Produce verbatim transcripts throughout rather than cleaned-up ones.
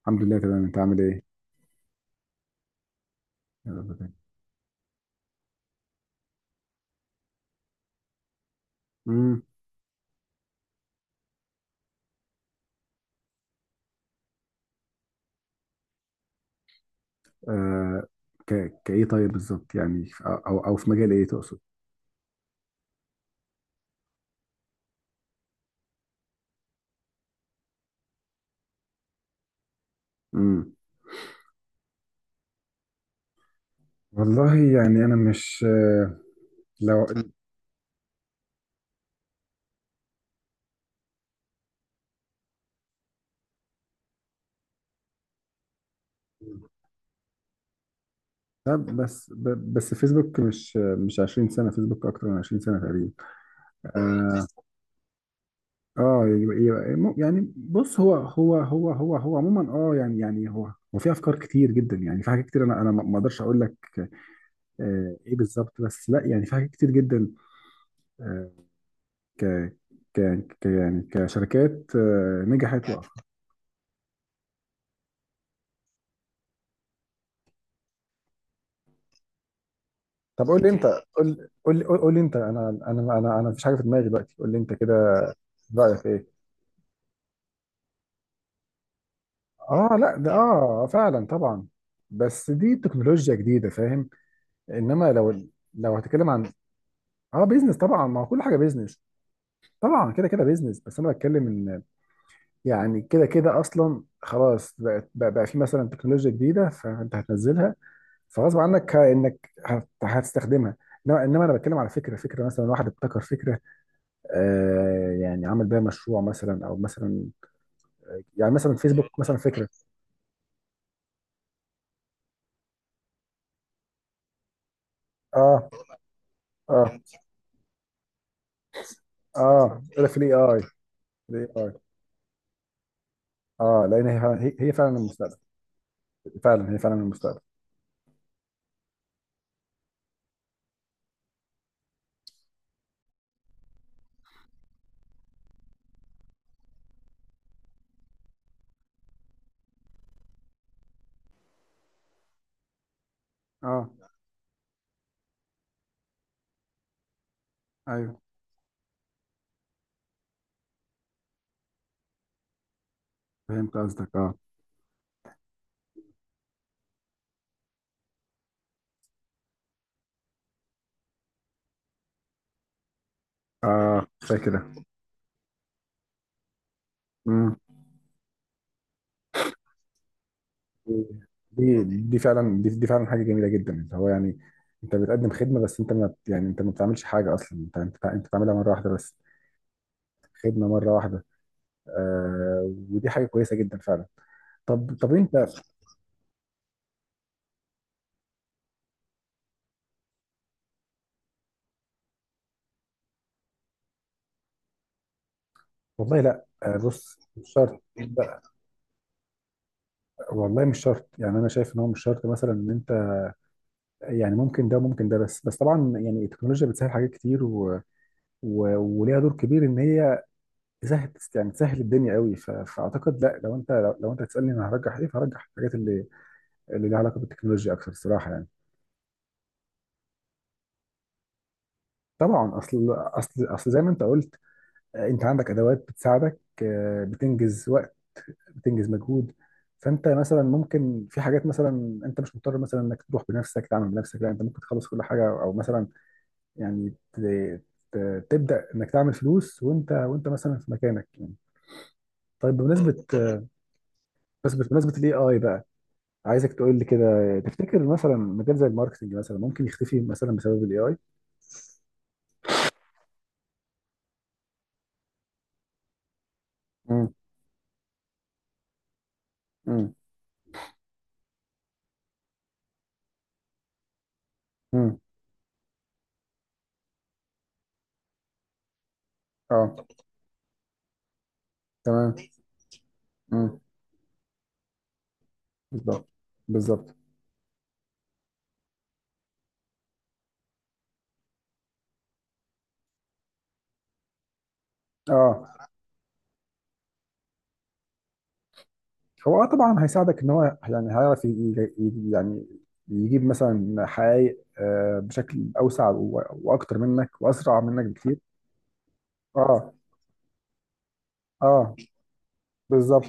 الحمد لله تمام، انت عامل ايه؟ يا رب دايما. امم آه ك... كايه طيب، بالظبط يعني في- او او أو في مجال ايه تقصد؟ امم والله يعني انا مش آه، لو... طب بس ب... بس فيسبوك مش مش عشرين سنه، فيسبوك اكتر من عشرين سنه تقريبا. اه اه يبقى- يبقى- مو- يعني بص، هو هو هو هو هو عموما اه يعني يعني هو هو في افكار كتير جدا، يعني في حاجات كتير. انا انا ما ما اقدرش اقول لك آه ايه بالظبط، بس لا يعني في حاجات كتير جدا. آه، ك ك ك- يعني كشركات آه، نجحت وقفت. طب قول لي انت، قول قول لي قول لي انت. انا انا انا انا مفيش حاجه في دماغي دلوقتي، قول لي انت كده. رايك ايه؟ اه لا، ده اه فعلا طبعا، بس دي تكنولوجيا جديده فاهم. انما لو... لو هتكلم عن اه بيزنس طبعا، ما هو كل حاجه بيزنس. طبعا كده كده بيزنس، بس انا بتكلم ان يعني كده كده اصلا خلاص بقت بقى بقى في مثلا تكنولوجيا جديده، فانت هتنزلها، فغصب عنك انك هت- هتستخدمها. انما إنما انا بتكلم على فكره فكره، مثلا واحد ابتكر فكره آه يعني عمل بيها مشروع مثلا، او مثلا يعني مثلا فيسبوك مثلا فكره. اه اه اه إيه؟ في الاي اي. الاي اي اه، لان هي فعلا هي هي فعلا المستقبل. فعلا هي فعلا المستقبل. اه ايوه، فهمت قصدك. اه اه فاكره. امم دي دي فعلا، دي, دي فعلا حاجه جميله جدا، اللي هو يعني انت بتقدم خدمه، بس انت ما بت- يعني انت ما بتعملش حاجه اصلا. انت انت بتع- انت بتعملها مره واحده بس. خدمه مره واحده. آه، ودي حاجه كويسه جدا فعلا. طب طب انت... والله لا، آه بص مش شرط. لا والله، مش شرط يعني. انا شايف ان هو مش شرط مثلا ان انت يعني ممكن ده وممكن ده. بس بس طبعا يعني التكنولوجيا بتسهل حاجات كتير و... و... وليها دور كبير، ان هي تسهل يعني تسهل الدنيا قوي. ف... فاعتقد لا، لو انت... لو, لو انت تسالني انا هرجح ايه، فهرجح الحاجات اللي اللي ليها علاقه بالتكنولوجيا اكثر الصراحه يعني. طبعا، اصل اصل اصل زي ما انت قلت. آه، انت عندك ادوات بتساعدك آه، بتنجز وقت، بتنجز مجهود. فانت مثلا ممكن في حاجات، مثلا انت مش مضطر مثلا انك تروح بنفسك تعمل بنفسك. لا، انت ممكن تخلص كل حاجه، او مثلا يعني ت- ت- تبدا انك تعمل فلوس وانت وانت مثلا في مكانك يعني. طيب، بمناسبه بمناسبه بمناسبه الاي اي بقى، عايزك تقول لي كده، تفتكر مثلا مجال زي الماركتنج مثلا ممكن يختفي مثلا بسبب الاي اي؟ امم امم امم اه تمام. امم بالظبط، بالظبط. اه هو آه طبعا هيساعدك ان هو يعني هيعرف ي- ي- ي- يعني يجيب مثلا حقائق آه، بشكل اوسع و- واكتر منك واسرع منك بكتير. اه اه بالظبط،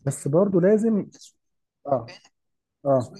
بس برضه لازم. اه اه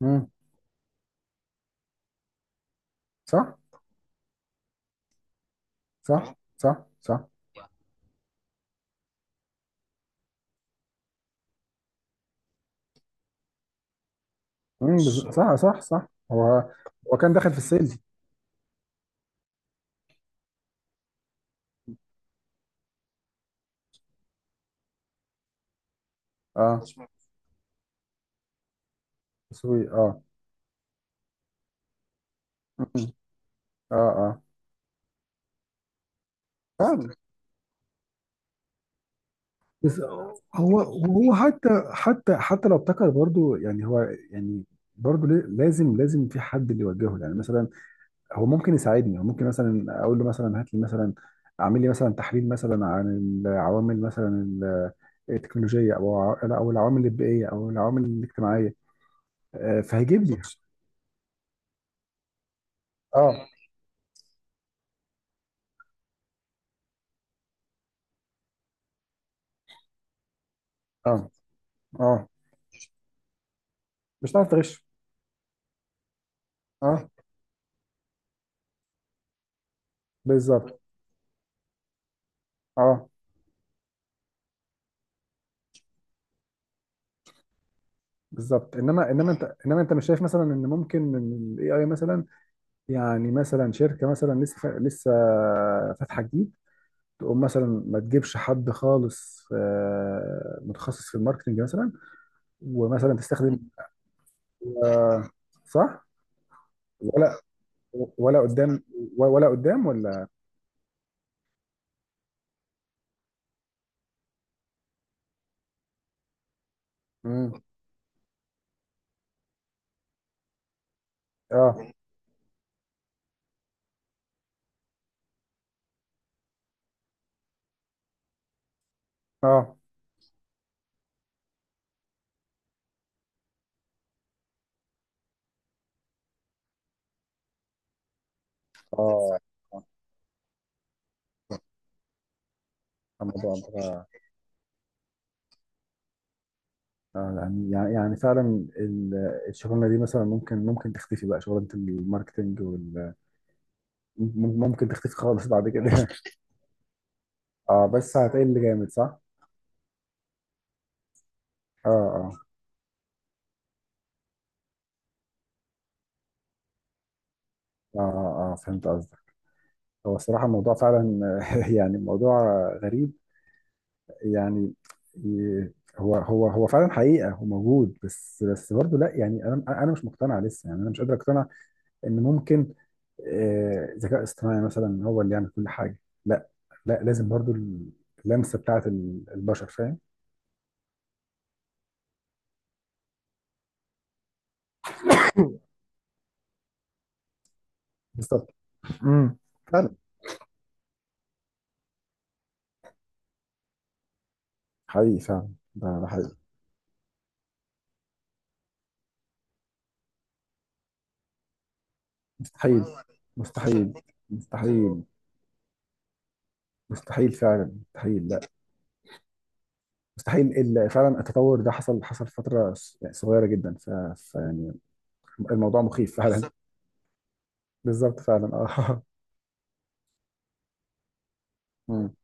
مم. صح صح صح صح. مم. بز- صح صح صح هو هو كان داخل في السيلز. اه تسويق اه. مم. اه اه فعلا، بس هو... وهو حتى حتى حتى لو ابتكر برضو يعني هو... يعني برضو ليه- لازم لازم في حد اللي يوجهه يعني مثلا. هو ممكن يساعدني، هو ممكن مثلا اقول له مثلا هات لي مثلا، اعمل لي مثلا تحليل مثلا عن العوامل مثلا ال- التكنولوجيه، او ع- لا، او العوامل البيئيه او العوامل الاجتماعيه. آه، فهيجيب لي... اه اه اه مش هتعرف تغش. اه بالظبط. اه بالظبط، انما انما انت انما انت مش شايف مثلا ان ممكن ان الاي اي مثلا يعني، مثلا شركة مثلا لسه فا- لسه فاتحة جديد، تقوم مثلا ما تجيبش حد خالص آه، متخصص في الماركتنج مثلا، ومثلا تستخدم... آه، صح. ولا... ولا قدام؟ ولا قدام؟ ولا... مم. اه اه اه الموضوع آه. آه، يعني يعني يعني فعلا ال- الشغلانه دي مثلا ممكن ممكن تختفي بقى. شغلانه الماركتنج وال... مم- ممكن تختفي خالص بعد كده. اه، بس هتقل جامد صح؟ اه اه اه اه آه، فهمت قصدك. هو الصراحة الموضوع فعلا يعني موضوع غريب يعني. ي- هو هو هو فعلا، حقيقة هو موجود بس. بس برضه لا يعني، انا انا مش مقتنع لسه، يعني انا مش قادر اقتنع ان ممكن آه، ذكاء اصطناعي مثلا هو اللي يعمل كل حاجة. لا. لا لازم برضه اللمسة بتاعت ال- البشر فاهم. بالظبط. امم فعلا. حقيقي فعلا. ده ده حقيقي. مستحيل. مستحيل. مستحيل. مستحيل فعلا، مستحيل. مستحيل ال- فعلا التطور ده حصل، حصل في فتره ص- يعني صغيره جدا. ف... ف يعني الموضوع مخيف فعلا، بالظبط. بالظبط فعلا اه. مم.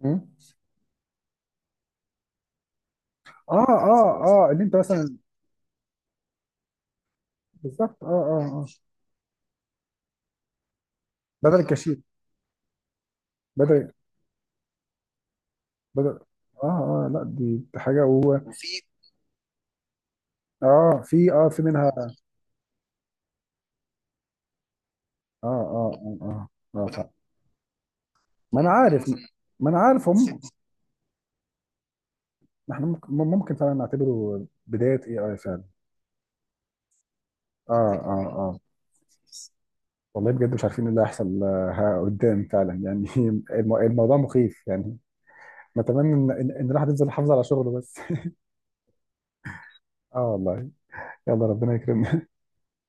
مم. اه بالظبط، اه اه ان انت مثلا. بالظبط، اه اه اه بدل بالظبط الكشيك. بدل بدل اه. اه لا دي، دي حاجه و... اه في، اه في منها اه. اه اه اه, آه. وده فعلا، ما انا وده عارف مثلا، ما انا عارف هم. احنا ممكن، ممكن فعلا نعتبره بدايه اي اي فعلا. اه اه اه والله، بجد مش عارفين ايه اللي هيحصل آه، قدام فعلا يعني. الم- الموضوع مخيف يعني. نتمنى ان ان إن الواحد يفضل يحافظ على شغله بس. اه والله. يلا ربنا يكرمنا.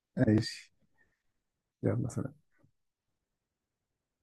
ماشي. يلا سلام.